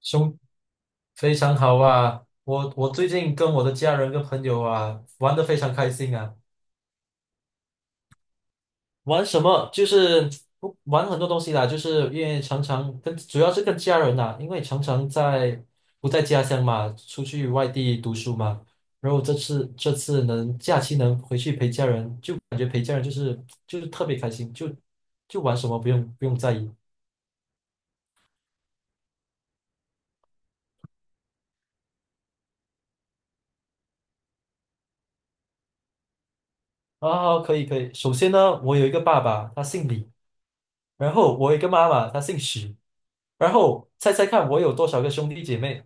兄，非常好啊！我最近跟我的家人跟朋友啊玩的非常开心啊。玩什么？就是不玩很多东西啦，就是因为常常跟主要是跟家人呐、因为常常在不在家乡嘛，出去外地读书嘛。然后这次能假期能回去陪家人，就感觉陪家人就是特别开心，就玩什么不用在意啊。可以可以，首先呢，我有一个爸爸，他姓李，然后我有一个妈妈，她姓许。然后猜猜看，我有多少个兄弟姐妹？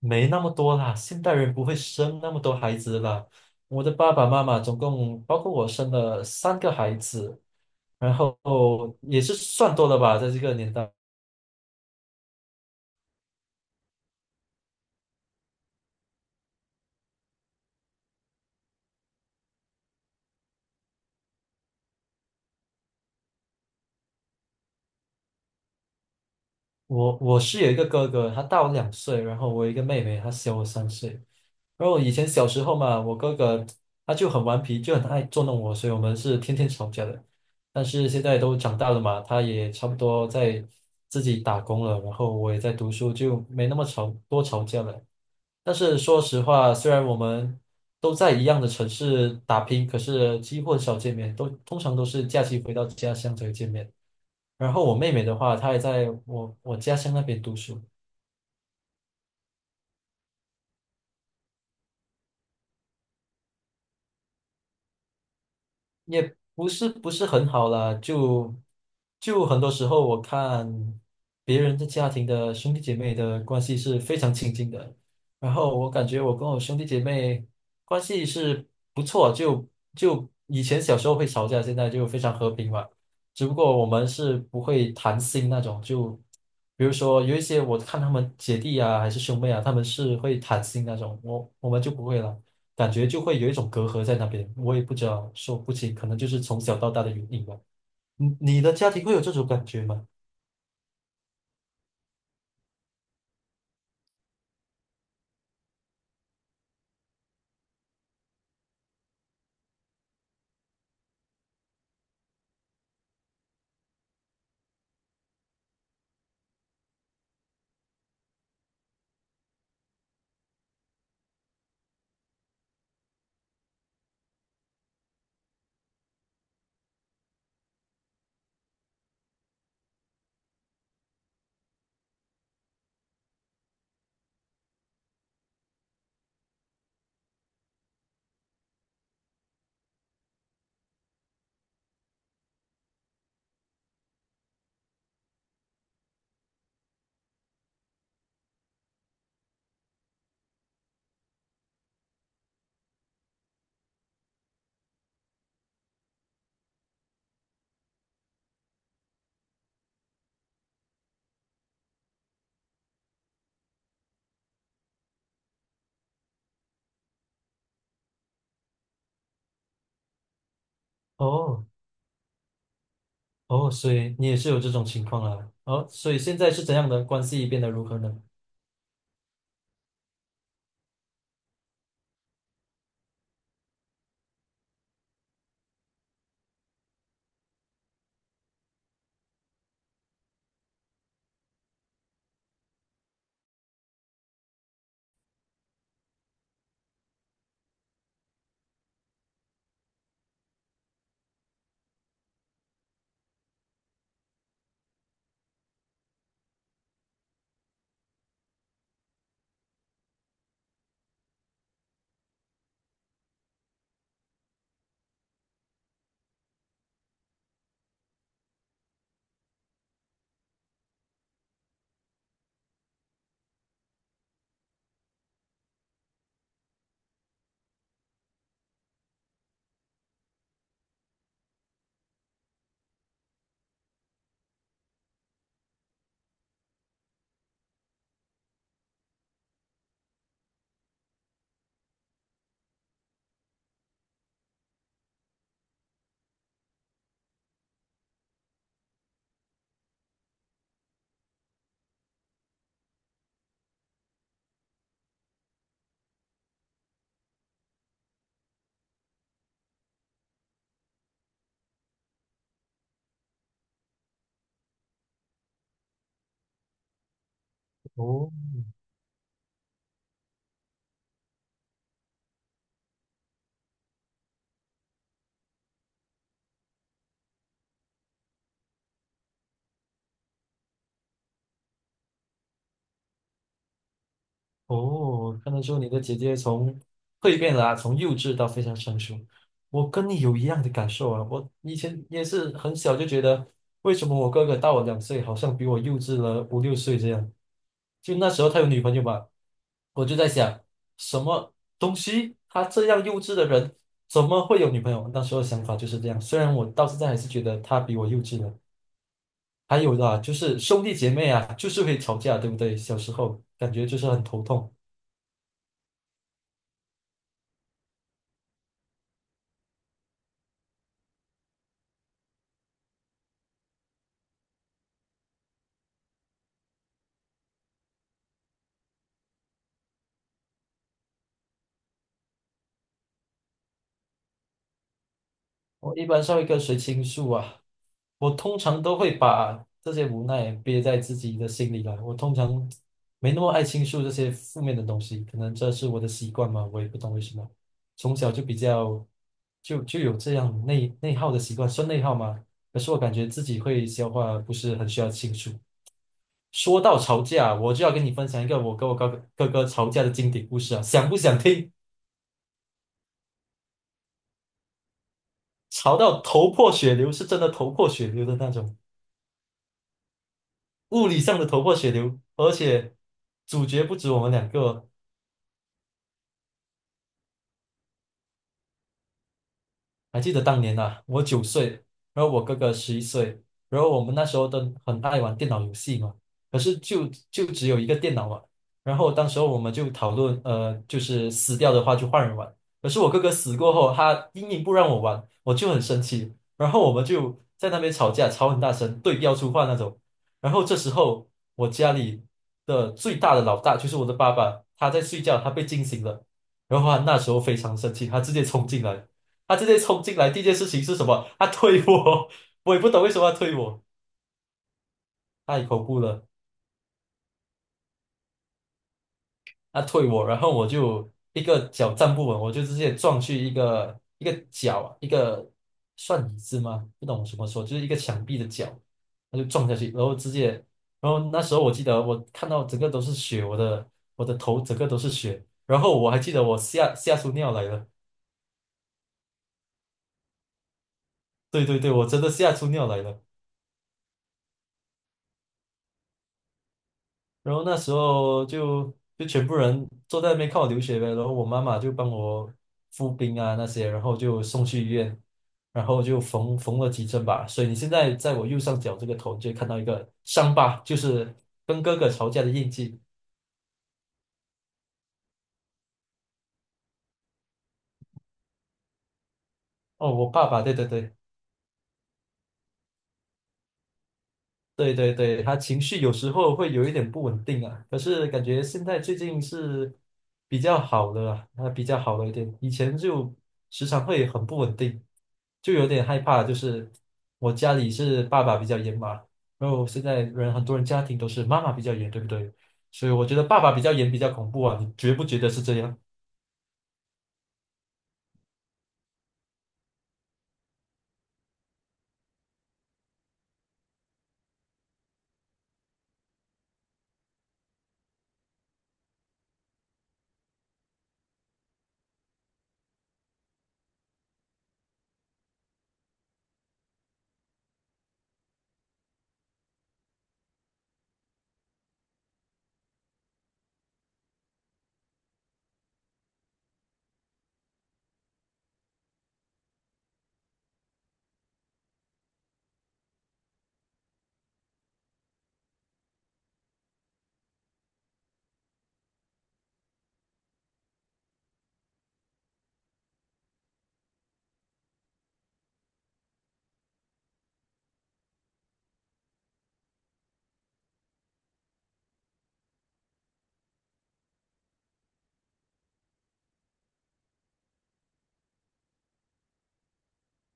没那么多啦，现代人不会生那么多孩子啦。我的爸爸妈妈总共包括我生了3个孩子，然后也是算多了吧，在这个年代。我是有一个哥哥，他大我两岁，然后我有一个妹妹，她小我3岁。然后以前小时候嘛，我哥哥他就很顽皮，就很爱捉弄我，所以我们是天天吵架的。但是现在都长大了嘛，他也差不多在自己打工了，然后我也在读书，就没那么吵，多吵架了。但是说实话，虽然我们都在一样的城市打拼，可是几乎很少见面，都通常都是假期回到家乡才会见面。然后我妹妹的话，她也在我家乡那边读书，也不是很好啦，就很多时候我看别人的家庭的兄弟姐妹的关系是非常亲近的，然后我感觉我跟我兄弟姐妹关系是不错，就以前小时候会吵架，现在就非常和平嘛。只不过我们是不会谈心那种，就比如说有一些我看他们姐弟啊，还是兄妹啊，他们是会谈心那种，我们就不会了。感觉就会有一种隔阂在那边，我也不知道说不清，可能就是从小到大的原因吧。你的家庭会有这种感觉吗？哦哦，所以你也是有这种情况啊。哦，所以现在是怎样的关系变得如何呢？哦哦，看得出你的姐姐从蜕变了啊，从幼稚到非常成熟。我跟你有一样的感受啊，我以前也是很小就觉得，为什么我哥哥大我两岁，好像比我幼稚了五六岁这样。就那时候他有女朋友嘛，我就在想，什么东西？他这样幼稚的人怎么会有女朋友？那时候想法就是这样。虽然我到现在还是觉得他比我幼稚了。还有的啊，就是兄弟姐妹啊，就是会吵架，对不对？小时候感觉就是很头痛。我一般上一跟谁倾诉啊，我通常都会把这些无奈憋在自己的心里来。我通常没那么爱倾诉这些负面的东西，可能这是我的习惯嘛，我也不懂为什么。从小就比较就有这样内耗的习惯，算内耗吗？可是我感觉自己会消化，不是很需要倾诉。说到吵架，我就要跟你分享一个我跟我哥哥吵架的经典故事啊，想不想听？吵到头破血流，是真的头破血流的那种。物理上的头破血流，而且主角不止我们两个，还记得当年呐，我9岁，然后我哥哥11岁，然后我们那时候都很爱玩电脑游戏嘛，可是就只有一个电脑嘛，然后当时候我们就讨论，就是死掉的话就换人玩，可是我哥哥死过后，他硬硬不让我玩，我就很生气，然后我们就在那边吵架，吵很大声，对标出话那种，然后这时候我家里的最大的老大就是我的爸爸，他在睡觉，他被惊醒了，然后他那时候非常生气，他直接冲进来。他直接冲进来，第一件事情是什么？他推我，我也不懂为什么要推我，太恐怖了。他推我，然后我就一个脚站不稳，我就直接撞去一个一个角，一个算椅子吗？不懂什么说，就是一个墙壁的角，他就撞下去，然后直接，然后那时候我记得我看到整个都是血，我的头整个都是血，然后我还记得我吓出尿来了，对对对，我真的吓出尿来了。然后那时候就全部人坐在那边看我流血呗，然后我妈妈就帮我敷冰啊那些，然后就送去医院，然后就缝了几针吧。所以你现在在我右上角这个头，你就会看到一个伤疤，就是跟哥哥吵架的印记。哦，我爸爸，对对对。对对对，他情绪有时候会有一点不稳定啊，可是感觉现在最近是比较好的啊，他比较好了一点，以前就时常会很不稳定，就有点害怕。就是我家里是爸爸比较严嘛，然后现在人很多人家庭都是妈妈比较严，对不对？所以我觉得爸爸比较严比较恐怖啊，你觉不觉得是这样？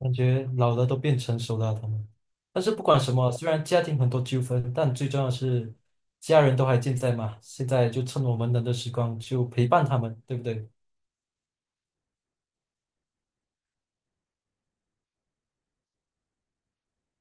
感觉老了都变成熟了啊他们。但是不管什么，虽然家庭很多纠纷，但最重要的是家人都还健在嘛。现在就趁我们能的时光，就陪伴他们，对不对？